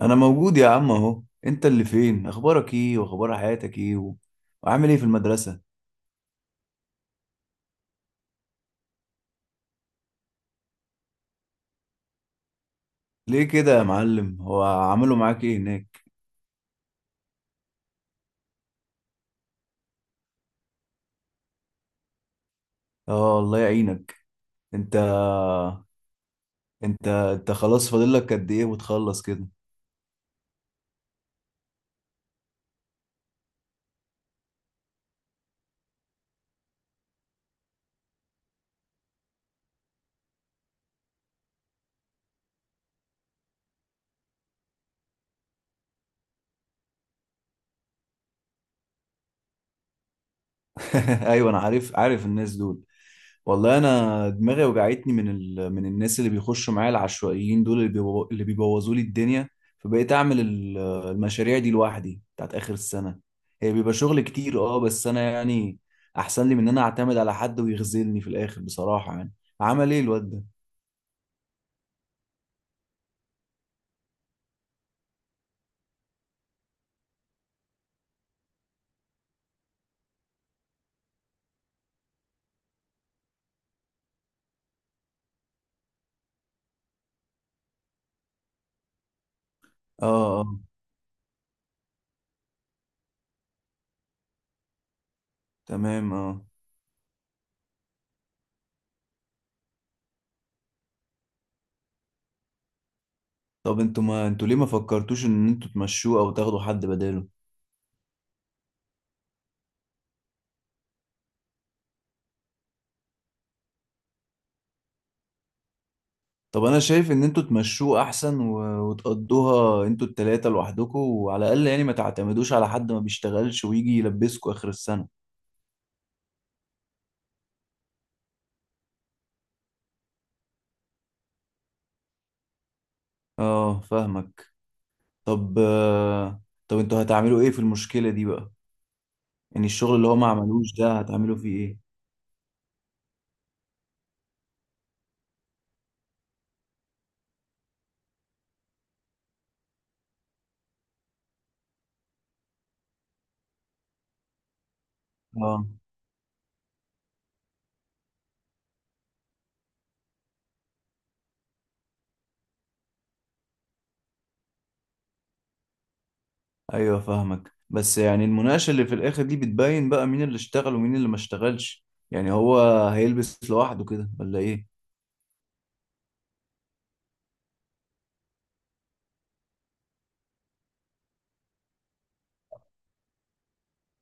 انا موجود يا عم اهو، انت اللي فين؟ اخبارك ايه واخبار حياتك ايه و... وعامل ايه في المدرسة؟ ليه كده يا معلم؟ هو عملوا معاك ايه هناك؟ اه، الله يعينك. انت انت خلاص، فاضل لك قد ايه وتخلص كده؟ ايوه انا عارف، عارف الناس دول. والله انا دماغي وجعتني من الناس اللي بيخشوا معايا العشوائيين دول، اللي بيبوظوا لي الدنيا. فبقيت اعمل المشاريع دي لوحدي بتاعت اخر السنه. هي بيبقى شغل كتير، اه، بس انا يعني احسن لي من ان انا اعتمد على حد ويغزلني في الاخر بصراحه يعني. عمل ايه الواد ده؟ اه اه. تمام اه. طب انتوا، ما انتوا ليه ما فكرتوش ان انتوا تمشوه او تاخدوا حد بداله؟ طب انا شايف ان انتوا تمشوه احسن وتقضوها انتوا التلاتة لوحدكم، وعلى الاقل يعني ما تعتمدوش على حد ما بيشتغلش ويجي يلبسكوا اخر السنة. اه فاهمك. طب طب انتوا هتعملوا ايه في المشكلة دي بقى؟ يعني الشغل اللي هو ما عملوش ده هتعملوا فيه ايه؟ اه. ايوه فاهمك، بس يعني المناقشة اللي في الاخر دي بتبين بقى مين اللي اشتغل ومين اللي ما اشتغلش. يعني هو هيلبس لوحده كده ولا ايه؟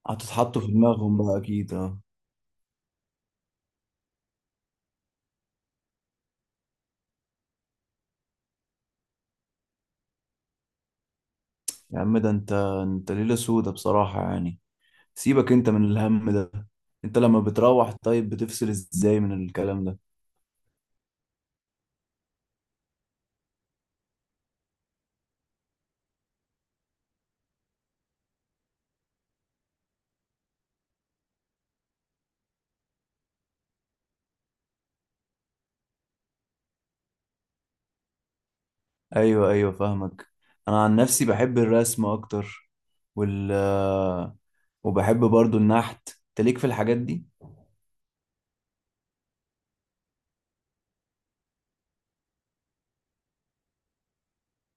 هتتحطوا في دماغهم بقى اكيد، اه. يا عم ده انت ليلة سودة بصراحة يعني. سيبك انت من الهم ده. انت لما بتروح طيب بتفصل ازاي من الكلام ده؟ ايوه ايوه فاهمك. انا عن نفسي بحب الرسم اكتر، وال وبحب برضو النحت. انت ليك في الحاجات دي؟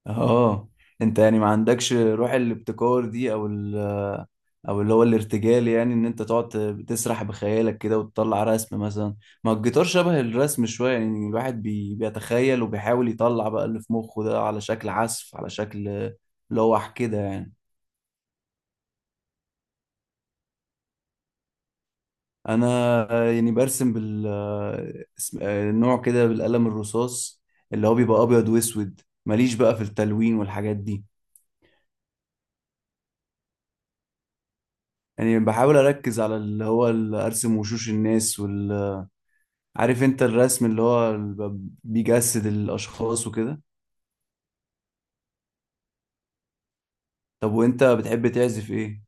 اه. انت يعني ما عندكش روح الابتكار دي؟ او اللي هو الارتجال، يعني ان انت تقعد تسرح بخيالك كده وتطلع رسم مثلا. ما الجيتار شبه الرسم شوية، يعني الواحد بيتخيل وبيحاول يطلع بقى اللي في مخه ده على شكل عزف، على شكل لوح كده يعني. انا يعني برسم بال آه، اسم- آه، نوع كده، بالقلم الرصاص اللي هو بيبقى ابيض واسود. ماليش بقى في التلوين والحاجات دي. يعني بحاول اركز على اللي هو ارسم وشوش الناس، عارف انت الرسم اللي هو بيجسد الاشخاص وكده. طب وانت بتحب تعزف ايه؟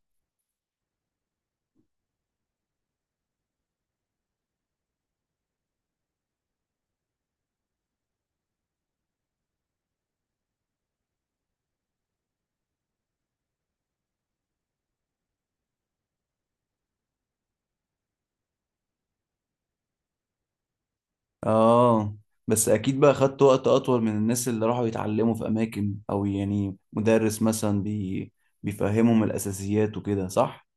اه. بس اكيد بقى خدت وقت اطول من الناس اللي راحوا يتعلموا في اماكن، او يعني مدرس مثلا بيفهمهم الاساسيات وكده، صح؟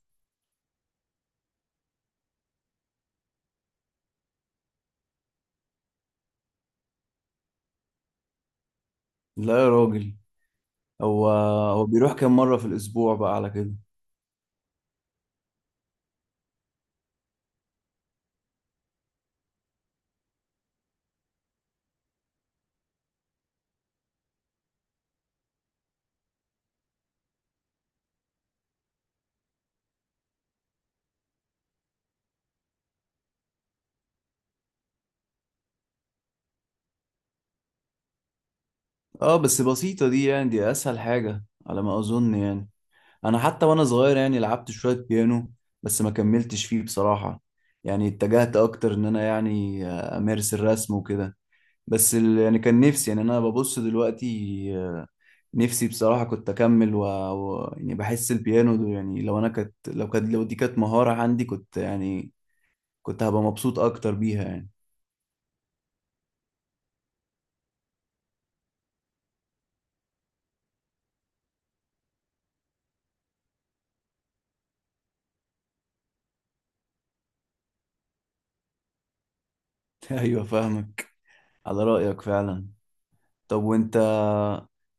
لا يا راجل. هو هو بيروح كام مرة في الاسبوع بقى على كده؟ اه بس بسيطة دي، يعني دي اسهل حاجة على ما اظن يعني. انا حتى وانا صغير يعني لعبت شوية بيانو، بس ما كملتش فيه بصراحة. يعني اتجهت اكتر ان انا يعني امارس الرسم وكده. بس يعني كان نفسي، يعني انا ببص دلوقتي آه، نفسي بصراحة كنت اكمل يعني بحس البيانو ده يعني لو انا كانت لو كانت لو دي كانت مهارة عندي كنت يعني كنت هبقى مبسوط اكتر بيها يعني. ايوه فاهمك، على رأيك فعلا. طب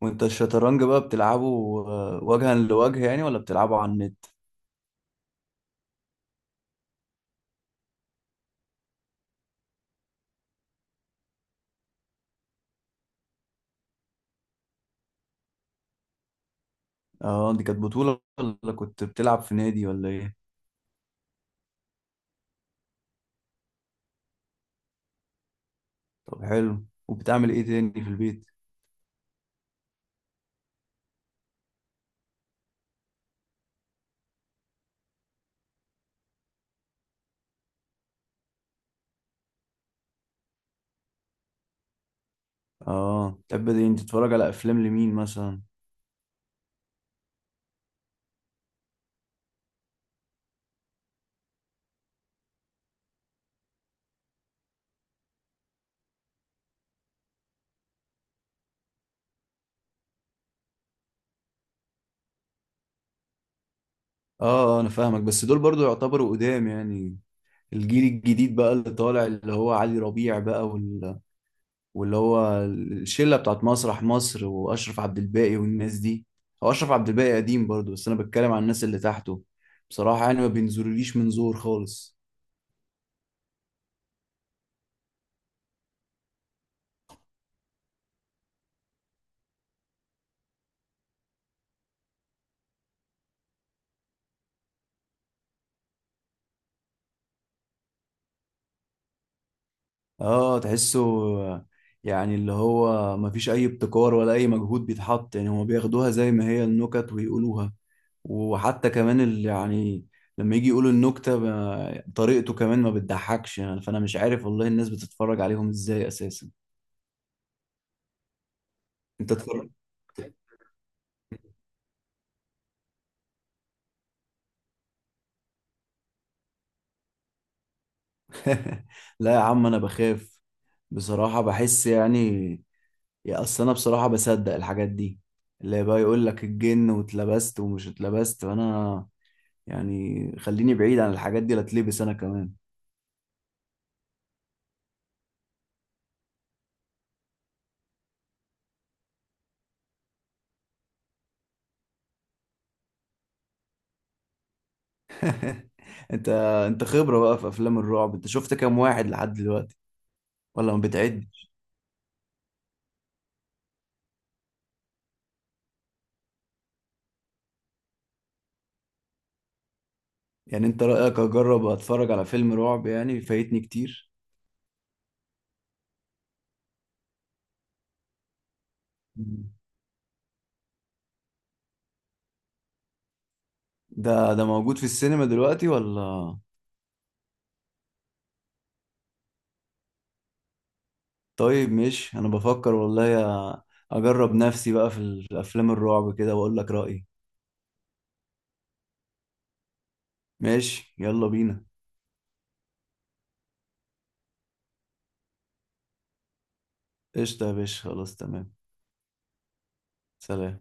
وانت الشطرنج بقى بتلعبه وجها لوجه يعني، ولا بتلعبه على النت؟ اه دي كانت بطولة ولا كنت بتلعب في نادي ولا ايه؟ طب حلو. وبتعمل ايه تاني في البيت؟ اه تحب دي. انت تتفرج على افلام لمين مثلا؟ اه انا فاهمك، بس دول برضو يعتبروا قدام يعني. الجيل الجديد بقى اللي طالع اللي هو علي ربيع بقى، واللي هو الشلة بتاعت مسرح مصر واشرف عبد الباقي والناس دي. هو اشرف عبد الباقي قديم برضو، بس انا بتكلم عن الناس اللي تحته. بصراحة يعني ما بينزلوليش من زور خالص. اه تحسه. يعني اللي هو مفيش اي ابتكار ولا اي مجهود بيتحط، يعني هما بياخدوها زي ما هي النكت ويقولوها. وحتى كمان اللي يعني لما يجي يقولوا النكتة طريقته كمان ما بتضحكش، يعني فانا مش عارف والله الناس بتتفرج عليهم ازاي اساسا. انت اتفرجت؟ لا يا عم انا بخاف بصراحة، بحس يعني، يا اصل انا بصراحة بصدق الحاجات دي، اللي بقى يقول لك الجن واتلبست ومش اتلبست، وانا يعني خليني بعيد عن الحاجات دي لا اتلبس انا كمان. انت انت خبرة بقى في افلام الرعب، انت شفت كام واحد لحد دلوقتي؟ ولا ما بتعدش؟ يعني انت رأيك اجرب اتفرج على فيلم رعب؟ يعني فايتني كتير؟ ده موجود في السينما دلوقتي ولا؟ طيب، مش انا بفكر والله أ- اجرب نفسي بقى في الافلام الرعب كده واقول لك رأيي. ماشي، يلا بينا. قشطة يا باشا، خلاص تمام. سلام.